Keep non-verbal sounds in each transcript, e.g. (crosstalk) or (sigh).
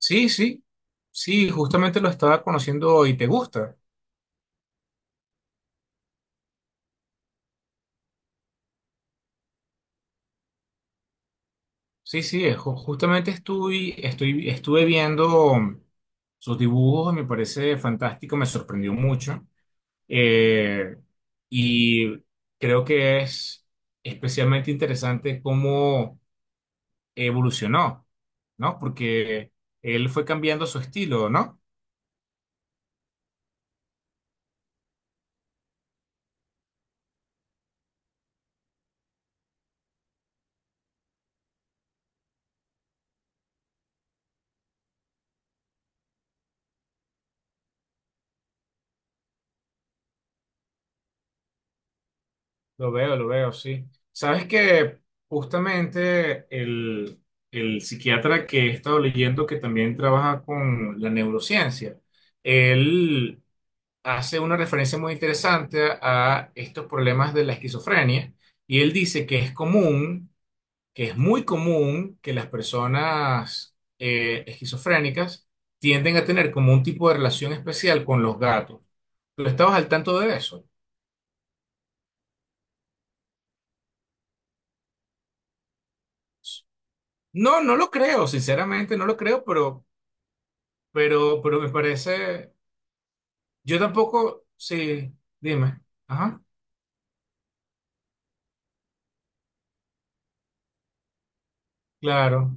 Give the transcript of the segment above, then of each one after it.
Sí, sí, sí, justamente lo estaba conociendo hoy. ¿Te gusta? Sí, sí, justamente estuve viendo sus dibujos, me parece fantástico, me sorprendió mucho. Eh, y creo que es especialmente interesante cómo evolucionó, ¿no? Porque él fue cambiando su estilo, ¿no? Lo veo, sí. Sabes que justamente el psiquiatra que he estado leyendo, que también trabaja con la neurociencia, él hace una referencia muy interesante a estos problemas de la esquizofrenia y él dice que es común, que es muy común que las personas esquizofrénicas tienden a tener como un tipo de relación especial con los gatos. ¿Tú estabas al tanto de eso? No, no lo creo, sinceramente no lo creo, pero. Pero me parece, yo tampoco, sí, dime, ajá, claro.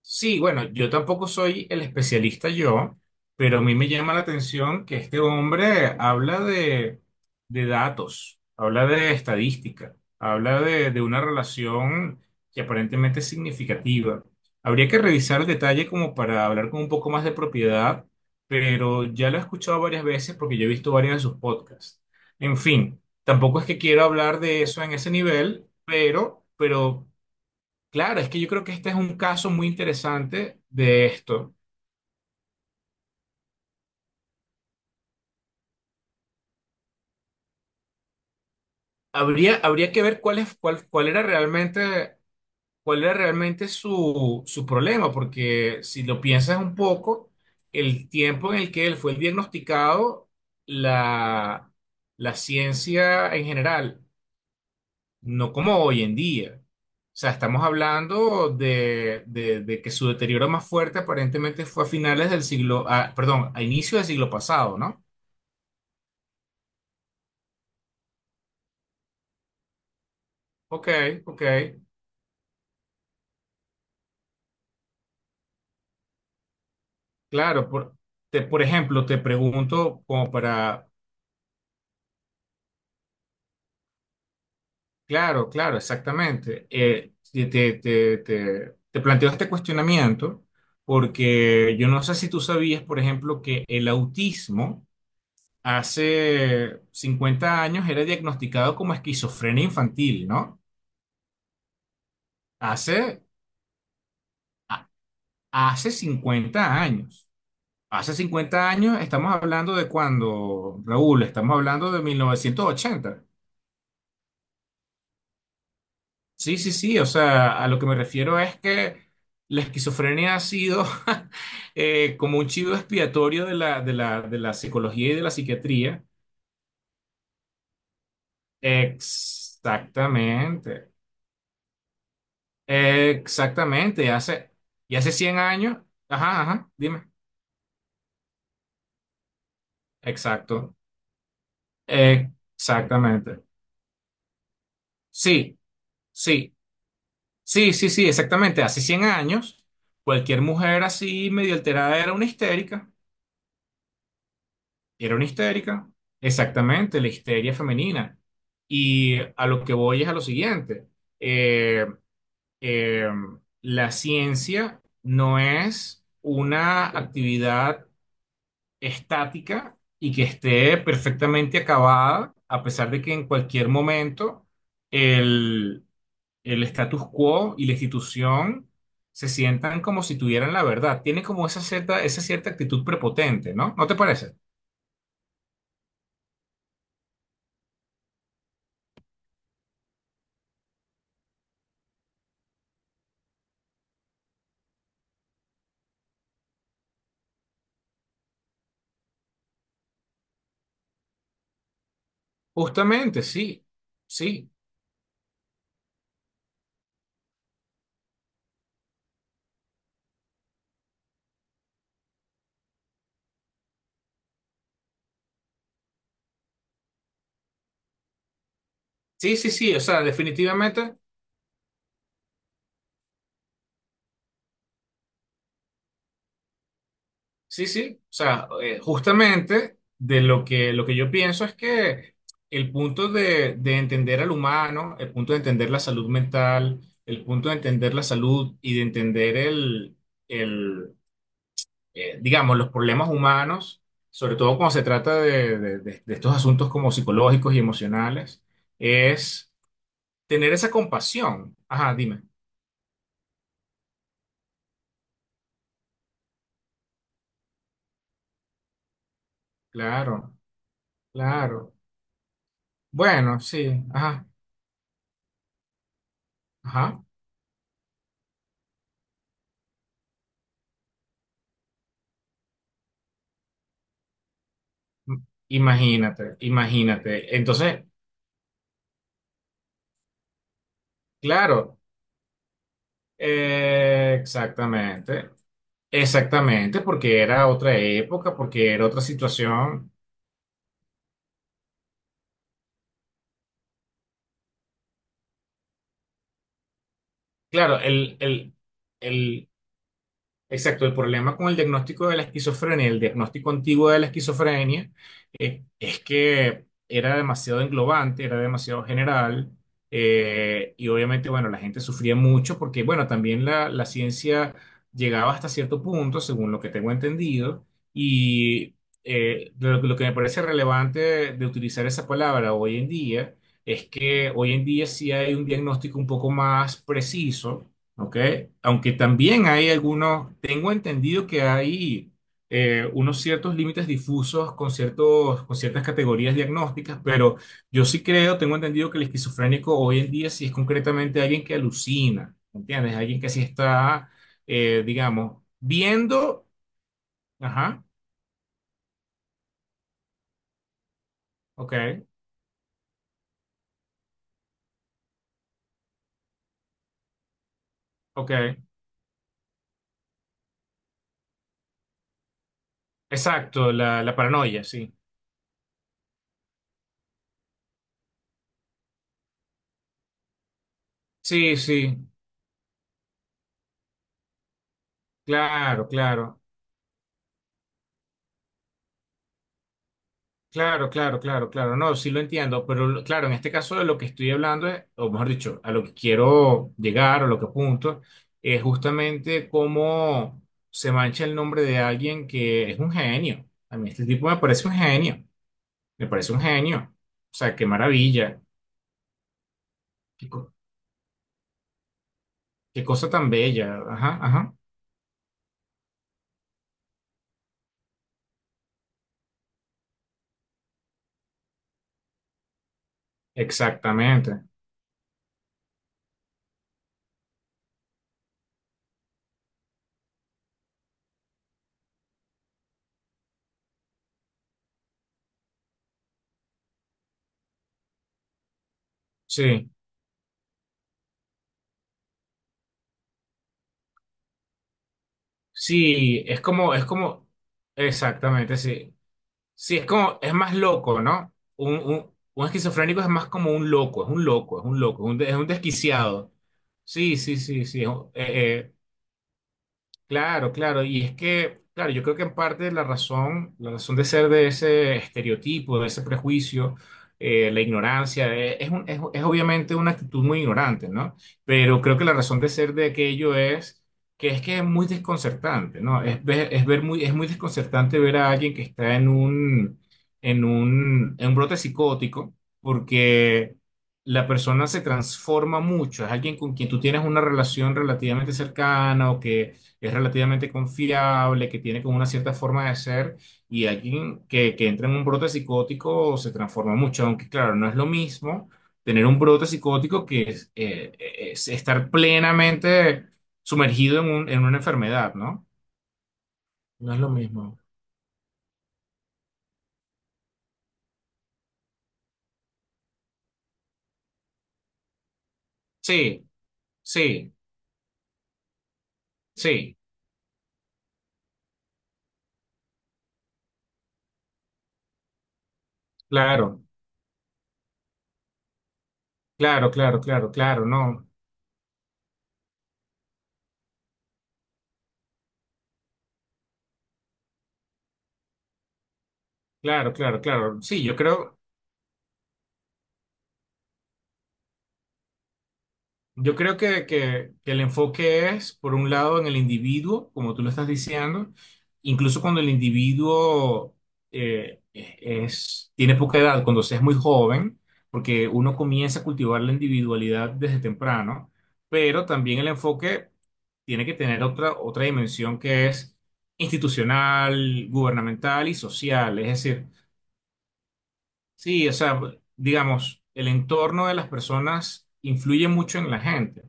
Sí, bueno, yo tampoco soy el especialista yo, pero a mí me llama la atención que este hombre habla de datos, habla de estadística, habla de una relación que aparentemente es significativa. Habría que revisar el detalle como para hablar con un poco más de propiedad, pero ya lo he escuchado varias veces porque yo he visto varios de sus podcasts. En fin, tampoco es que quiero hablar de eso en ese nivel, pero. Claro, es que yo creo que este es un caso muy interesante de esto. Habría que ver cuál es, cuál era realmente su problema, porque si lo piensas un poco, el tiempo en el que él fue diagnosticado, la, la ciencia en general, no como hoy en día. O sea, estamos hablando de que su deterioro más fuerte aparentemente fue a finales del siglo, ah, perdón, a inicios del siglo pasado, ¿no? Ok, ok. Claro, por ejemplo, te pregunto como para, claro, claro, exactamente. Te planteo este cuestionamiento porque yo no sé si tú sabías, por ejemplo, que el autismo hace 50 años era diagnosticado como esquizofrenia infantil, ¿no? Hace, a- hace 50 años. Hace 50 años estamos hablando de cuando, Raúl, estamos hablando de 1980. Sí, sí, sí, o sea, a lo que me refiero es que la esquizofrenia ha sido (laughs) como un chivo expiatorio de la psicología y de la psiquiatría. Exactamente, exactamente, y hace 100 años, ajá, ajá, dime, exacto, exactamente, sí, sí, sí, sí, sí, exactamente, hace 100 años, cualquier mujer así medio alterada era una histérica. Era una histérica, exactamente, la histeria femenina. Y a lo que voy es a lo siguiente. Eh, eh, la ciencia no es una actividad estática y que esté perfectamente acabada, a pesar de que en cualquier momento el, el status quo y la institución se sientan como si tuvieran la verdad. Tiene como esa cierta actitud prepotente, ¿no? ¿No te parece? Justamente, sí, sí, sí, sí, sí, o sea, definitivamente, sí, sí, o sea, justamente de lo que yo pienso es que el punto de entender al humano, el punto de entender la salud mental, el punto de entender la salud y de entender el, digamos, los problemas humanos, sobre todo cuando se trata de estos asuntos como psicológicos y emocionales, es tener esa compasión. Ajá, dime, claro, claro. Bueno, sí, ajá, ajá. M- Imagínate, imagínate. Entonces, claro, exactamente, exactamente, porque era otra época, porque era otra situación. Claro, el, exacto, el problema con el diagnóstico de la esquizofrenia, el diagnóstico antiguo de la esquizofrenia, es que era demasiado englobante, era demasiado general, y obviamente, bueno, la gente sufría mucho porque, bueno, también la ciencia llegaba hasta cierto punto, según lo que tengo entendido, y lo que me parece relevante de utilizar esa palabra hoy en día es que hoy en día sí hay un diagnóstico un poco más preciso, ¿ok? Aunque también hay algunos, tengo entendido que hay unos ciertos límites difusos con ciertos, con ciertas categorías diagnósticas, pero yo sí creo, tengo entendido que el esquizofrénico hoy en día sí es concretamente alguien que alucina, ¿entiendes? Alguien que sí está, digamos, viendo, ajá, ok, ok, exacto, la paranoia, sí. Sí, sí, claro, claro. Claro, claro, claro, claro, no, sí lo entiendo, claro, en este caso de lo que estoy hablando, o mejor dicho, a lo que quiero llegar, a lo que apunto, es justamente cómo se mancha el nombre de alguien que es un genio. A mí este tipo me parece un genio, me parece un genio. O sea, qué maravilla, qué, co- qué cosa tan bella. Ajá, ajá, exactamente. Sí, sí, es como, exactamente, sí. Sí, es más loco, ¿no? Un esquizofrénico es más como un loco, es un loco, es un loco, es un desquiciado. Sí, sí, sí, sí. Claro, claro, y es que, claro, yo creo que en parte la razón de ser de ese estereotipo, de ese prejuicio, la ignorancia, es obviamente una actitud muy ignorante, ¿no? Pero creo que la razón de ser de aquello es que es muy desconcertante, ¿no? Es muy desconcertante ver a alguien que está en un, en un brote psicótico, porque la persona se transforma mucho, es alguien con quien tú tienes una relación relativamente cercana o que es relativamente confiable, que tiene como una cierta forma de ser, y alguien que entra en un brote psicótico se transforma mucho, aunque claro, no es lo mismo tener un brote psicótico que es estar plenamente sumergido en una enfermedad, ¿no? No es lo mismo. Sí, sí, sí, claro, claro, claro, claro, claro, no, claro, claro, claro. Sí, yo creo. Yo creo que el enfoque es, por un lado, en el individuo, como tú lo estás diciendo, incluso cuando el individuo tiene poca edad, cuando se es muy joven, porque uno comienza a cultivar la individualidad desde temprano, pero también el enfoque tiene que tener otra dimensión que es institucional, gubernamental y social. Es decir, sí, o sea, digamos, el entorno de las personas influye mucho en la gente.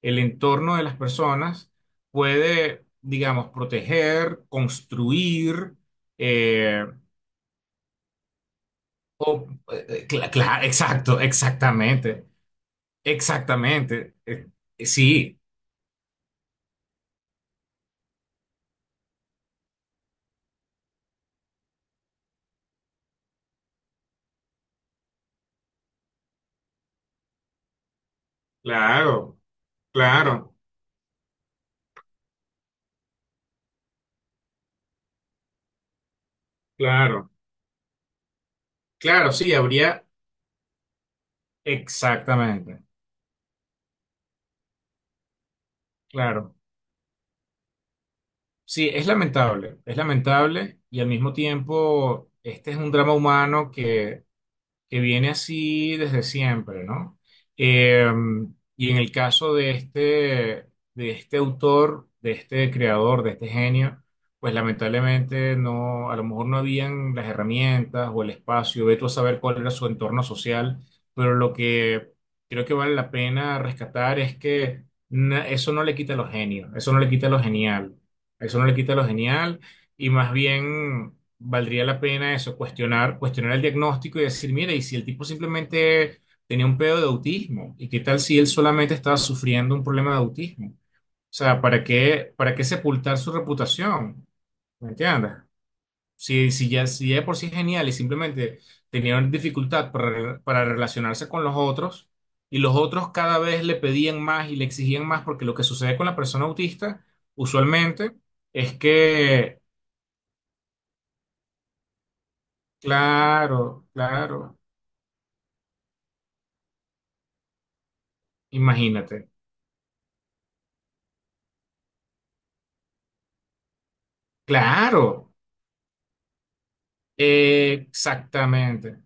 El entorno de las personas puede, digamos, proteger, construir, eh, o, exacto, exactamente, exactamente. Sí, claro, claro, claro, claro, sí, habría, exactamente, claro. Sí, es lamentable y al mismo tiempo este es un drama humano que viene así desde siempre, ¿no? Eh, y en el caso de este autor, de este creador, de este genio, pues lamentablemente no, a lo mejor no habían las herramientas o el espacio, ve tú a saber cuál era su entorno social, pero lo que creo que vale la pena rescatar es que eso no le quita lo genio, eso no le quita lo genial, eso no le quita lo genial. Y más bien valdría la pena eso, cuestionar, cuestionar el diagnóstico y decir, mira, y si el tipo simplemente tenía un pedo de autismo, ¿y qué tal si él solamente estaba sufriendo un problema de autismo? O sea, para qué sepultar su reputación? ¿Me entiendes? Si ya, si ya de por sí es genial y simplemente tenía una dificultad para relacionarse con los otros, y los otros cada vez le pedían más y le exigían más, porque lo que sucede con la persona autista, usualmente, es que. Claro, claro. Imagínate. Claro, exactamente.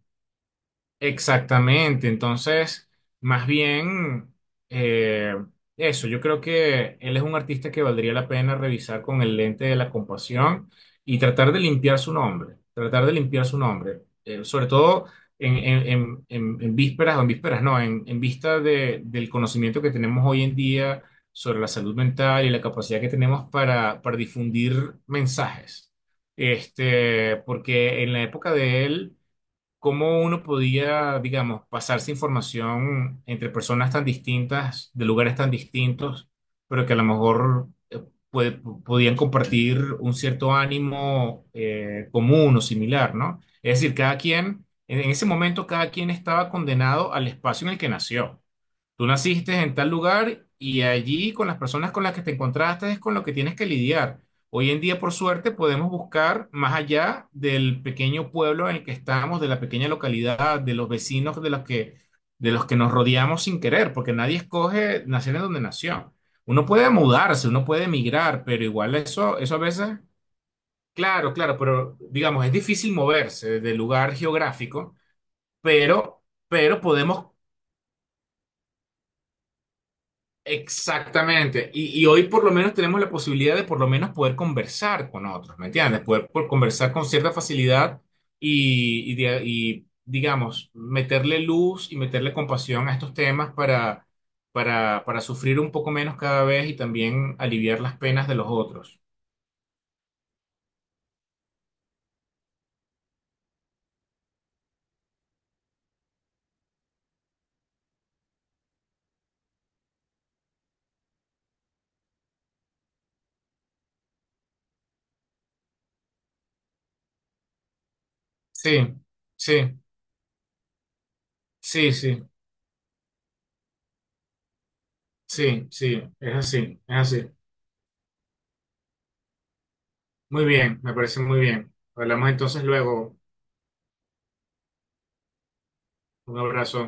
Exactamente, entonces, más bien, eh, eso, yo creo que él es un artista que valdría la pena revisar con el lente de la compasión y tratar de limpiar su nombre, tratar de limpiar su nombre, sobre todo en vísperas, o en vísperas no, en vista del conocimiento que tenemos hoy en día sobre la salud mental y la capacidad que tenemos para difundir mensajes. Este, porque en la época de él cómo uno podía, digamos, pasarse información entre personas tan distintas, de lugares tan distintos, pero que a lo mejor podían compartir un cierto ánimo común o similar, ¿no? Es decir, cada quien, en ese momento, cada quien estaba condenado al espacio en el que nació. Tú naciste en tal lugar y allí con las personas con las que te encontraste es con lo que tienes que lidiar. Hoy en día, por suerte, podemos buscar más allá del pequeño pueblo en el que estamos, de la pequeña localidad, de los vecinos de los que nos rodeamos sin querer, porque nadie escoge nacer en donde nació. Uno puede mudarse, uno puede emigrar, pero igual eso a veces, claro, claro, pero digamos, es difícil moverse del lugar geográfico, pero pero podemos. Exactamente. Y hoy por lo menos tenemos la posibilidad de por lo menos poder conversar con otros, ¿me entiendes? Poder conversar con cierta facilidad y, digamos, meterle luz y meterle compasión a estos temas para sufrir un poco menos cada vez y también aliviar las penas de los otros. Sí, sí, sí, sí, sí, sí, es así, es así. Muy bien, me parece muy bien. Hablamos entonces luego. Un abrazo.